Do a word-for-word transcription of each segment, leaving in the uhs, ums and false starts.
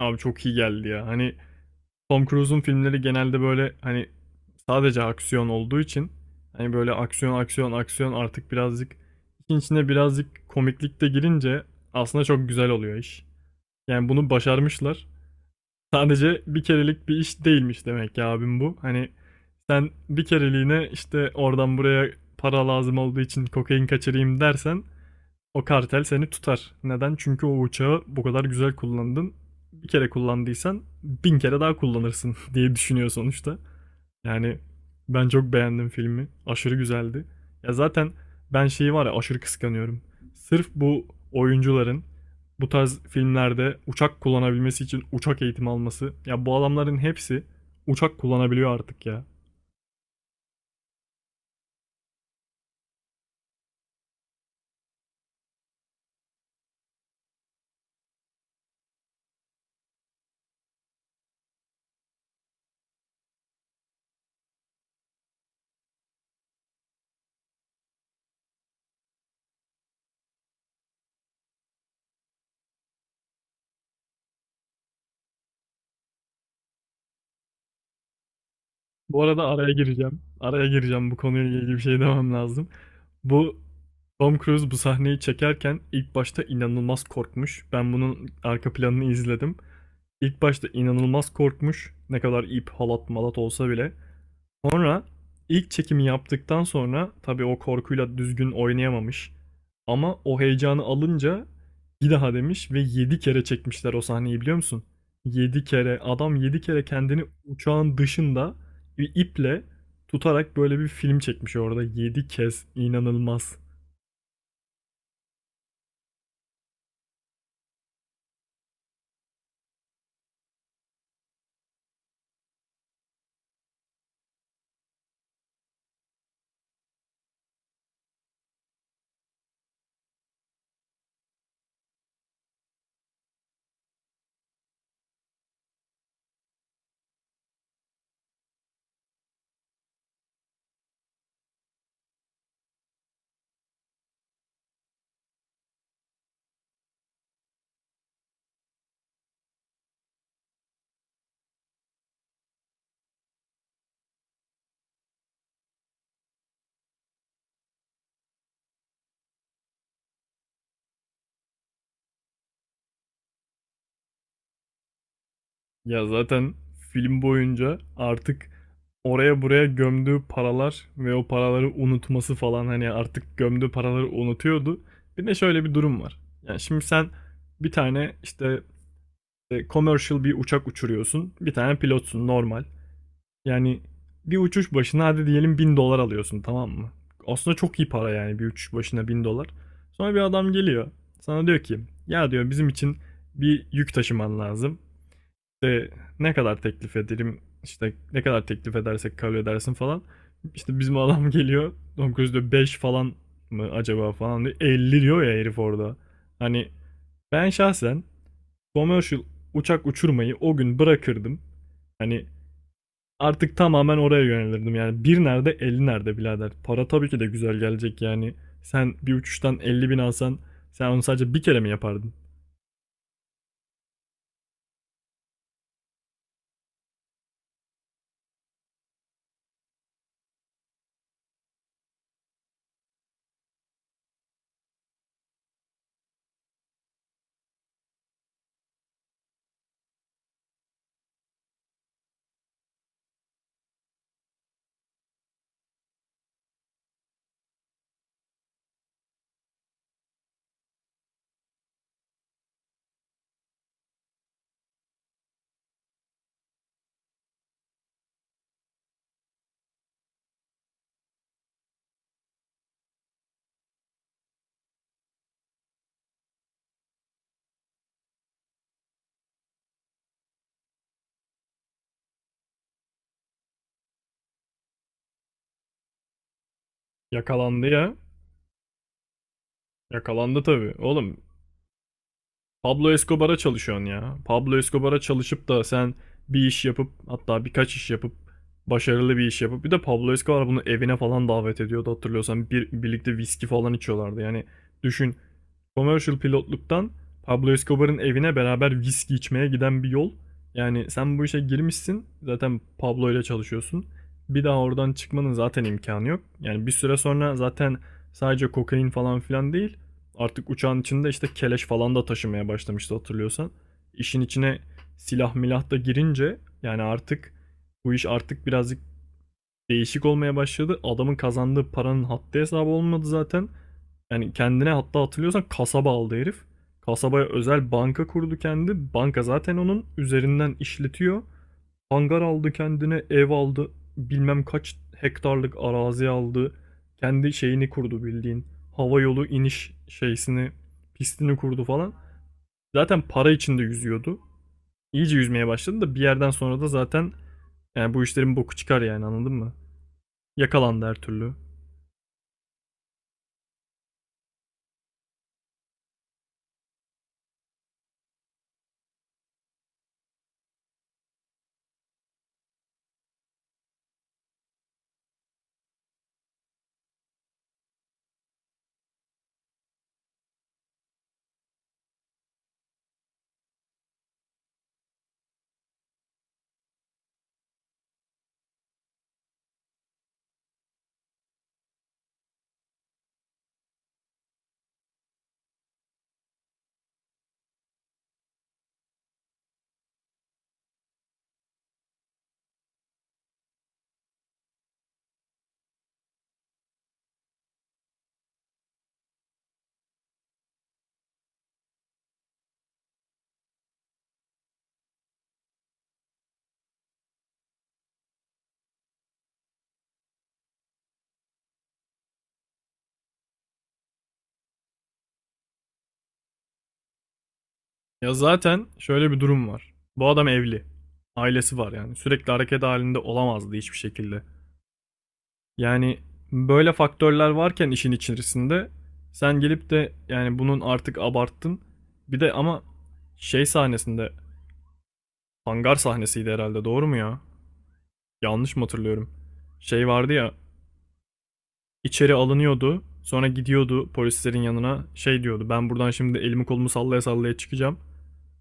Abi çok iyi geldi ya. Hani Tom Cruise'un filmleri genelde böyle hani sadece aksiyon olduğu için hani böyle aksiyon aksiyon aksiyon artık birazcık işin içine birazcık komiklik de girince aslında çok güzel oluyor iş. Yani bunu başarmışlar. Sadece bir kerelik bir iş değilmiş demek ya abim bu. Hani sen bir kereliğine işte oradan buraya para lazım olduğu için kokain kaçırayım dersen o kartel seni tutar. Neden? Çünkü o uçağı bu kadar güzel kullandın. Bir kere kullandıysan bin kere daha kullanırsın diye düşünüyor sonuçta. Yani ben çok beğendim filmi. Aşırı güzeldi. Ya zaten ben şeyi var ya aşırı kıskanıyorum. Sırf bu oyuncuların bu tarz filmlerde uçak kullanabilmesi için uçak eğitimi alması. Ya bu adamların hepsi uçak kullanabiliyor artık ya. Bu arada araya gireceğim. Araya gireceğim bu konuyla ilgili bir şey demem lazım. Bu Tom Cruise bu sahneyi çekerken ilk başta inanılmaz korkmuş. Ben bunun arka planını izledim. İlk başta inanılmaz korkmuş. Ne kadar ip, halat, malat olsa bile. Sonra ilk çekimi yaptıktan sonra tabii o korkuyla düzgün oynayamamış. Ama o heyecanı alınca bir daha demiş ve yedi kere çekmişler o sahneyi biliyor musun? yedi kere adam yedi kere kendini uçağın dışında bir iple tutarak böyle bir film çekmiş orada yedi kez inanılmaz. Ya zaten film boyunca artık oraya buraya gömdüğü paralar ve o paraları unutması falan hani artık gömdüğü paraları unutuyordu. Bir de şöyle bir durum var. Yani şimdi sen bir tane işte e, commercial bir uçak uçuruyorsun. Bir tane pilotsun normal. Yani bir uçuş başına hadi diyelim bin dolar alıyorsun tamam mı? Aslında çok iyi para yani bir uçuş başına bin dolar. Sonra bir adam geliyor. Sana diyor ki ya diyor bizim için bir yük taşıman lazım. İşte ne kadar teklif ederim işte ne kadar teklif edersek kabul edersin falan. İşte bizim adam geliyor Tom Cruise diyor beş falan mı acaba falan diyor. Elli diyor ya herif orada. Hani ben şahsen commercial uçak uçurmayı o gün bırakırdım. Hani artık tamamen oraya yönelirdim. Yani bir nerede elli nerede birader. Para tabii ki de güzel gelecek yani. Sen bir uçuştan elli bin alsan sen onu sadece bir kere mi yapardın? Yakalandı ya. Yakalandı tabii. Oğlum Pablo Escobar'a çalışıyorsun ya. Pablo Escobar'a çalışıp da sen bir iş yapıp hatta birkaç iş yapıp başarılı bir iş yapıp bir de Pablo Escobar bunu evine falan davet ediyordu hatırlıyorsan bir, birlikte viski falan içiyorlardı. Yani düşün commercial pilotluktan Pablo Escobar'ın evine beraber viski içmeye giden bir yol. Yani sen bu işe girmişsin. Zaten Pablo ile çalışıyorsun. Bir daha oradan çıkmanın zaten imkanı yok. Yani bir süre sonra zaten sadece kokain falan filan değil. Artık uçağın içinde işte keleş falan da taşımaya başlamıştı hatırlıyorsan. İşin içine silah milah da girince yani artık bu iş artık birazcık değişik olmaya başladı. Adamın kazandığı paranın haddi hesabı olmadı zaten. Yani kendine hatta hatırlıyorsan kasaba aldı herif. Kasabaya özel banka kurdu kendi. Banka zaten onun üzerinden işletiyor. Hangar aldı kendine, ev aldı. Bilmem kaç hektarlık arazi aldı. Kendi şeyini kurdu bildiğin. Hava yolu iniş şeysini, pistini kurdu falan. Zaten para içinde yüzüyordu. İyice yüzmeye başladı da bir yerden sonra da zaten yani bu işlerin boku çıkar yani anladın mı? Yakalandı her türlü. Ya zaten şöyle bir durum var. Bu adam evli. Ailesi var yani. Sürekli hareket halinde olamazdı hiçbir şekilde. Yani böyle faktörler varken işin içerisinde sen gelip de yani bunun artık abarttın. Bir de ama şey sahnesinde hangar sahnesiydi herhalde doğru mu ya? Yanlış mı hatırlıyorum? Şey vardı ya içeri alınıyordu. Sonra gidiyordu polislerin yanına şey diyordu. Ben buradan şimdi elimi kolumu sallaya sallaya çıkacağım.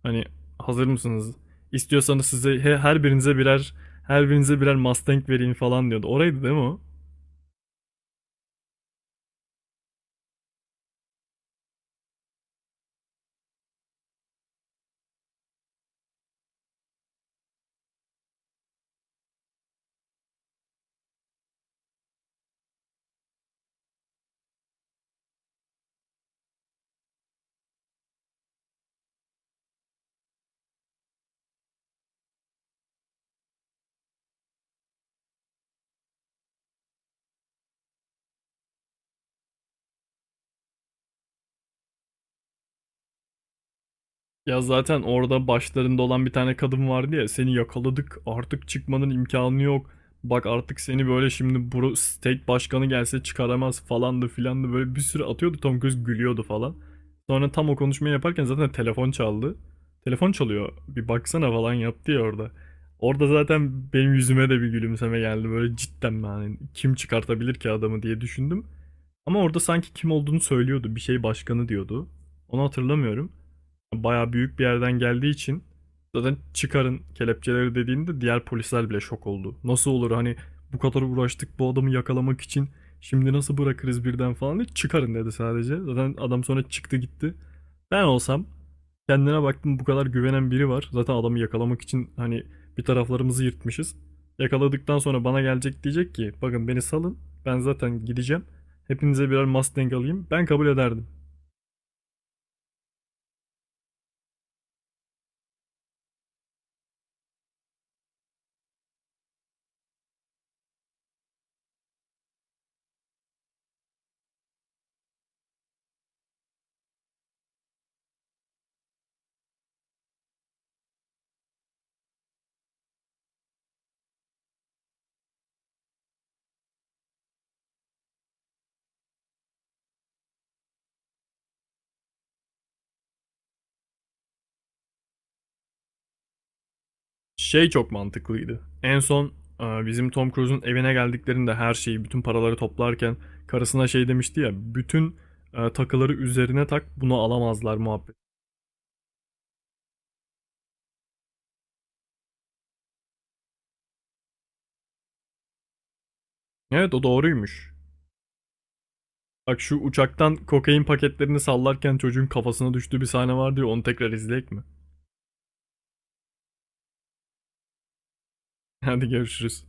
Hani hazır mısınız? İstiyorsanız size he- her birinize birer her birinize birer Mustang vereyim falan diyordu. Oraydı değil mi o? Ya zaten orada başlarında olan bir tane kadın vardı ya seni yakaladık artık çıkmanın imkanı yok. Bak artık seni böyle şimdi bro state başkanı gelse çıkaramaz falandı filandı böyle bir sürü atıyordu Tom Cruise gülüyordu falan. Sonra tam o konuşmayı yaparken zaten telefon çaldı. Telefon çalıyor bir baksana falan yaptı ya orada. Orada zaten benim yüzüme de bir gülümseme geldi böyle cidden ben hani kim çıkartabilir ki adamı diye düşündüm. Ama orada sanki kim olduğunu söylüyordu bir şey başkanı diyordu. Onu hatırlamıyorum. Bayağı büyük bir yerden geldiği için zaten çıkarın kelepçeleri dediğinde diğer polisler bile şok oldu. Nasıl olur hani bu kadar uğraştık bu adamı yakalamak için şimdi nasıl bırakırız birden falan diye çıkarın dedi sadece. Zaten adam sonra çıktı gitti. Ben olsam kendine baktım bu kadar güvenen biri var. Zaten adamı yakalamak için hani bir taraflarımızı yırtmışız. Yakaladıktan sonra bana gelecek diyecek ki bakın beni salın ben zaten gideceğim. Hepinize birer Mustang alayım. Ben kabul ederdim. Şey çok mantıklıydı. En son e, bizim Tom Cruise'un evine geldiklerinde her şeyi, bütün paraları toplarken karısına şey demişti ya, bütün e, takıları üzerine tak, bunu alamazlar muhabbet. Evet o doğruymuş. Bak şu uçaktan kokain paketlerini sallarken çocuğun kafasına düştüğü bir sahne vardı ya, onu tekrar izleyek mi? Hadi görüşürüz.